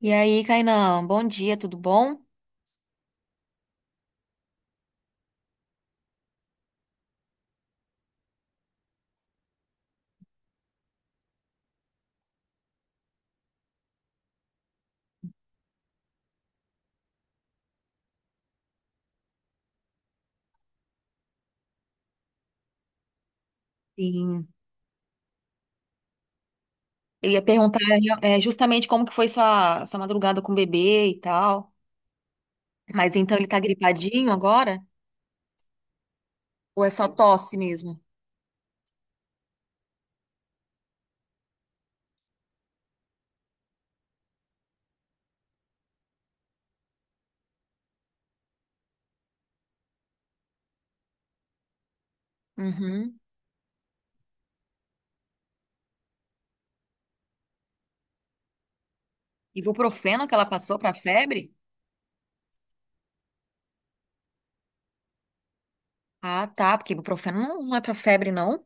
E aí, Kainan, bom dia, tudo bom? Sim. Eu ia perguntar justamente como que foi sua madrugada com o bebê e tal. Mas então ele tá gripadinho agora? Ou é só tosse mesmo? Uhum. Ibuprofeno que ela passou pra febre? Ah, tá, porque ibuprofeno não é pra febre, não.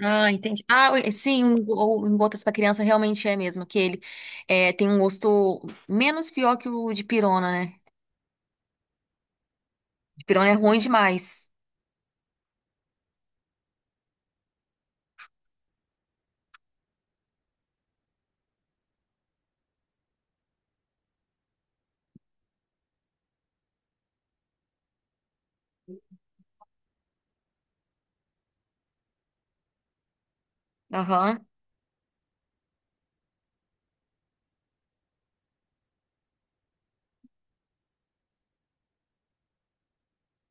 Ah, entendi. Ah, ui, sim, um em gotas pra criança realmente é mesmo, que ele tem um gosto menos pior que o de pirona, né? Pirona é ruim demais. Aham.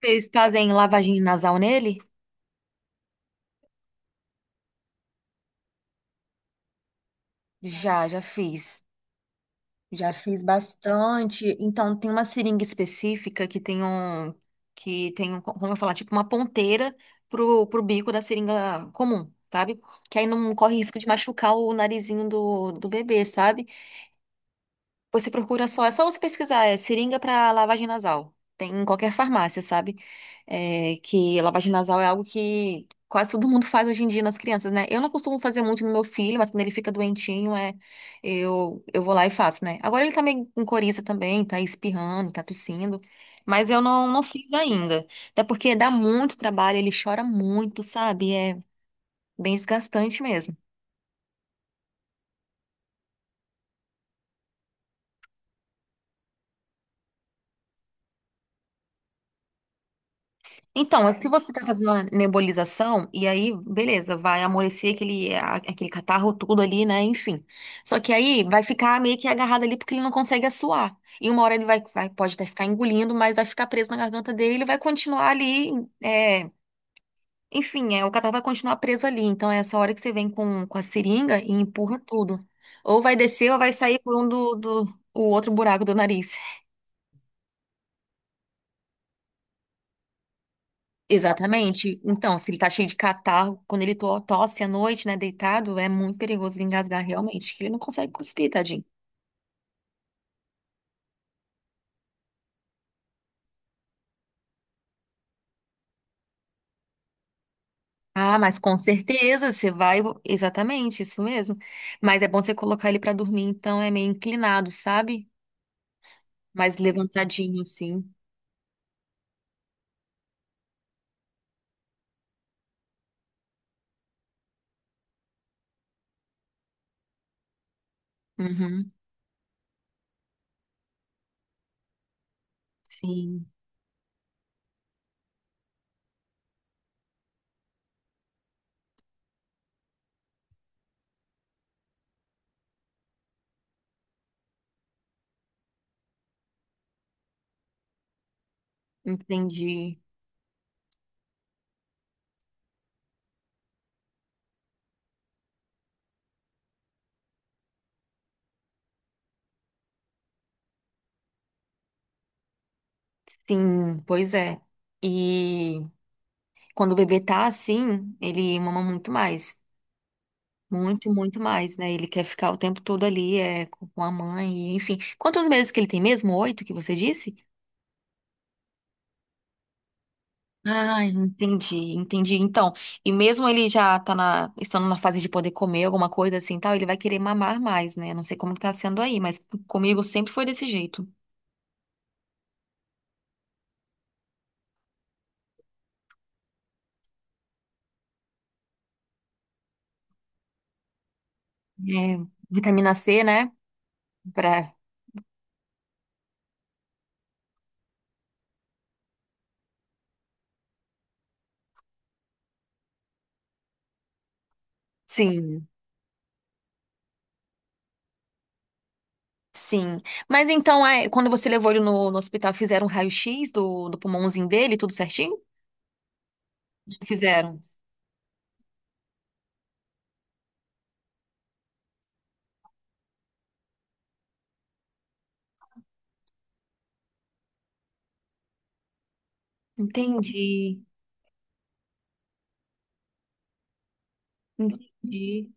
Vocês fazem lavagem nasal nele? Já fiz. Já fiz bastante. Então, tem uma seringa específica que tem um, como eu falar, tipo uma ponteira pro bico da seringa comum, sabe? Que aí não corre risco de machucar o narizinho do bebê, sabe? Você procura só, é só você pesquisar, é seringa para lavagem nasal. Tem em qualquer farmácia, sabe? Que lavagem nasal é algo que quase todo mundo faz hoje em dia nas crianças, né? Eu não costumo fazer muito no meu filho, mas quando ele fica doentinho, eu vou lá e faço, né? Agora ele tá meio com coriza também, tá espirrando, tá tossindo, mas eu não fiz ainda. Até porque dá muito trabalho, ele chora muito, sabe? É bem desgastante mesmo. Então, se você tá fazendo a nebulização, e aí, beleza, vai amolecer aquele, aquele catarro tudo ali, né? Enfim. Só que aí vai ficar meio que agarrado ali porque ele não consegue assoar. E uma hora ele vai, pode até ficar engolindo, mas vai ficar preso na garganta dele, ele vai continuar ali, é, enfim, o catarro vai continuar preso ali. Então é essa hora que você vem com a seringa e empurra tudo. Ou vai descer ou vai sair por um do, do o outro buraco do nariz. Exatamente. Então, se ele tá cheio de catarro, quando ele tosse à noite, né, deitado, é muito perigoso ele engasgar realmente, que ele não consegue cuspir, tadinho. Ah, mas com certeza você vai. Exatamente, isso mesmo. Mas é bom você colocar ele pra dormir, então é meio inclinado, sabe? Mais levantadinho, assim. Uhum. Sim, entendi. Sim, pois é. E quando o bebê tá assim, ele mama muito mais. Muito, muito mais, né? Ele quer ficar o tempo todo ali, com a mãe, e, enfim. Quantos meses que ele tem mesmo? Oito que você disse? Ah, entendi, entendi. Então, e mesmo ele já tá na, estando na fase de poder comer alguma coisa assim, e tal, ele vai querer mamar mais, né? Não sei como que tá sendo aí, mas comigo sempre foi desse jeito. É, vitamina C, né? Pra... Sim, sim. Mas então, quando você levou ele no hospital, fizeram um raio-x do pulmãozinho dele, tudo certinho? Fizeram. Entendi. Entendi.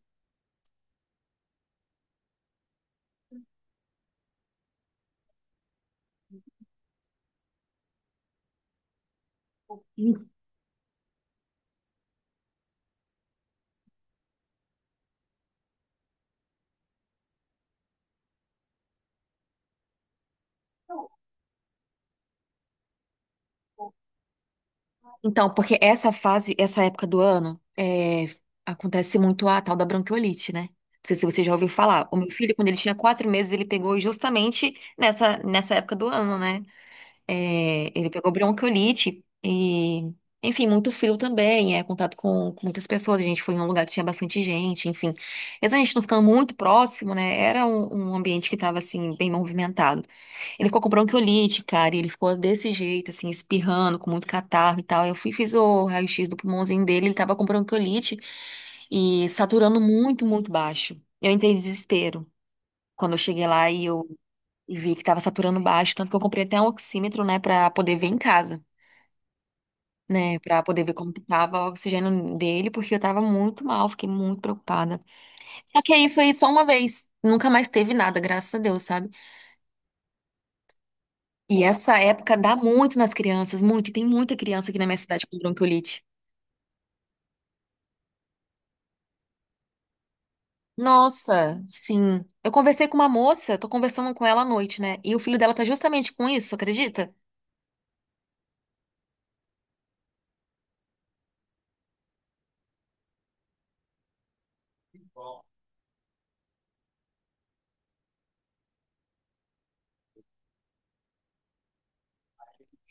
Então, porque essa fase, essa época do ano, acontece muito a tal da bronquiolite, né? Não sei se você já ouviu falar. O meu filho, quando ele tinha 4 meses, ele pegou justamente nessa época do ano, né? É, ele pegou bronquiolite e, enfim, muito frio também, contato com muitas pessoas, a gente foi em um lugar que tinha bastante gente, enfim. Mesmo a gente não ficando muito próximo, né, era um ambiente que estava, assim, bem movimentado. Ele ficou com bronquiolite, cara, e ele ficou desse jeito, assim, espirrando, com muito catarro e tal. Eu fui e fiz o raio-x do pulmãozinho dele, ele tava com bronquiolite e saturando muito, muito baixo. Eu entrei em desespero. Quando eu cheguei lá e vi que estava saturando baixo, tanto que eu comprei até um oxímetro, né, para poder ver em casa, né, para poder ver como que tava o oxigênio dele, porque eu tava muito mal, fiquei muito preocupada. Só que aí foi só uma vez, nunca mais teve nada, graças a Deus, sabe? E essa época dá muito nas crianças, muito, e tem muita criança aqui na minha cidade com bronquiolite. Nossa, sim. Eu conversei com uma moça, tô conversando com ela à noite, né? E o filho dela tá justamente com isso, acredita?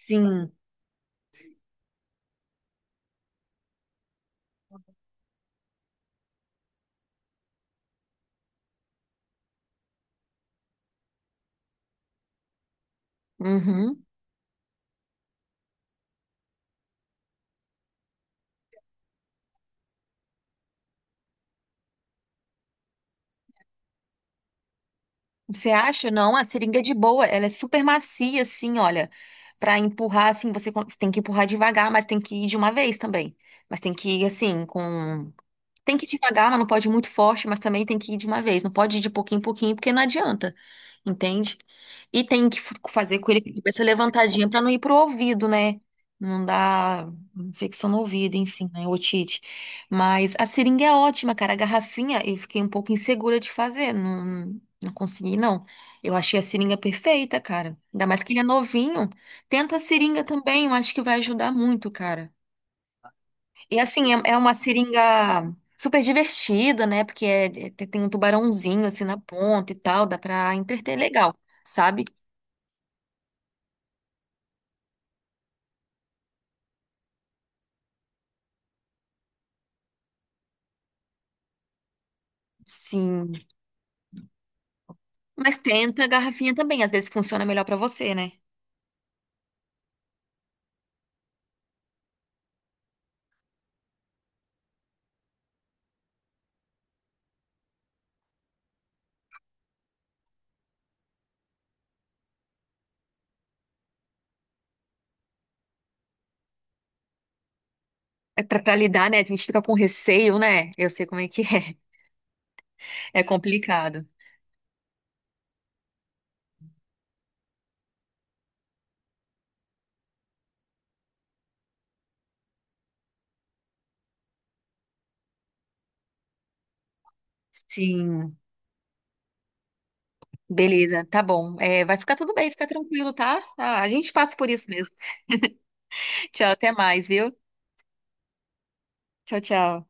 Sim. Uhum. Você acha? Não, a seringa é de boa, ela é super macia, assim, olha. Pra empurrar, assim, você você tem que empurrar devagar, mas tem que ir de uma vez também. Mas tem que ir, assim, com tem que ir devagar, mas não pode ir muito forte, mas também tem que ir de uma vez. Não pode ir de pouquinho em pouquinho, porque não adianta, entende? E tem que fazer com ele com a cabeça levantadinha para não ir pro ouvido, né? Não dar infecção no ouvido, enfim, né? Otite. Mas a seringa é ótima, cara. A garrafinha eu fiquei um pouco insegura de fazer. Não, não consegui, não. Eu achei a seringa perfeita, cara. Ainda mais que ele é novinho. Tenta a seringa também, eu acho que vai ajudar muito, cara. E assim, é uma seringa super divertida, né? Porque tem um tubarãozinho assim na ponta e tal, dá pra entreter legal, sabe? Sim. Mas tenta a garrafinha também, às vezes funciona melhor pra você, né? É pra lidar, né? A gente fica com receio, né? Eu sei como é que é. É complicado. Sim, beleza, tá bom. É, vai ficar tudo bem, fica tranquilo, tá? Ah, a gente passa por isso mesmo. Tchau, até mais, viu? Tchau, tchau.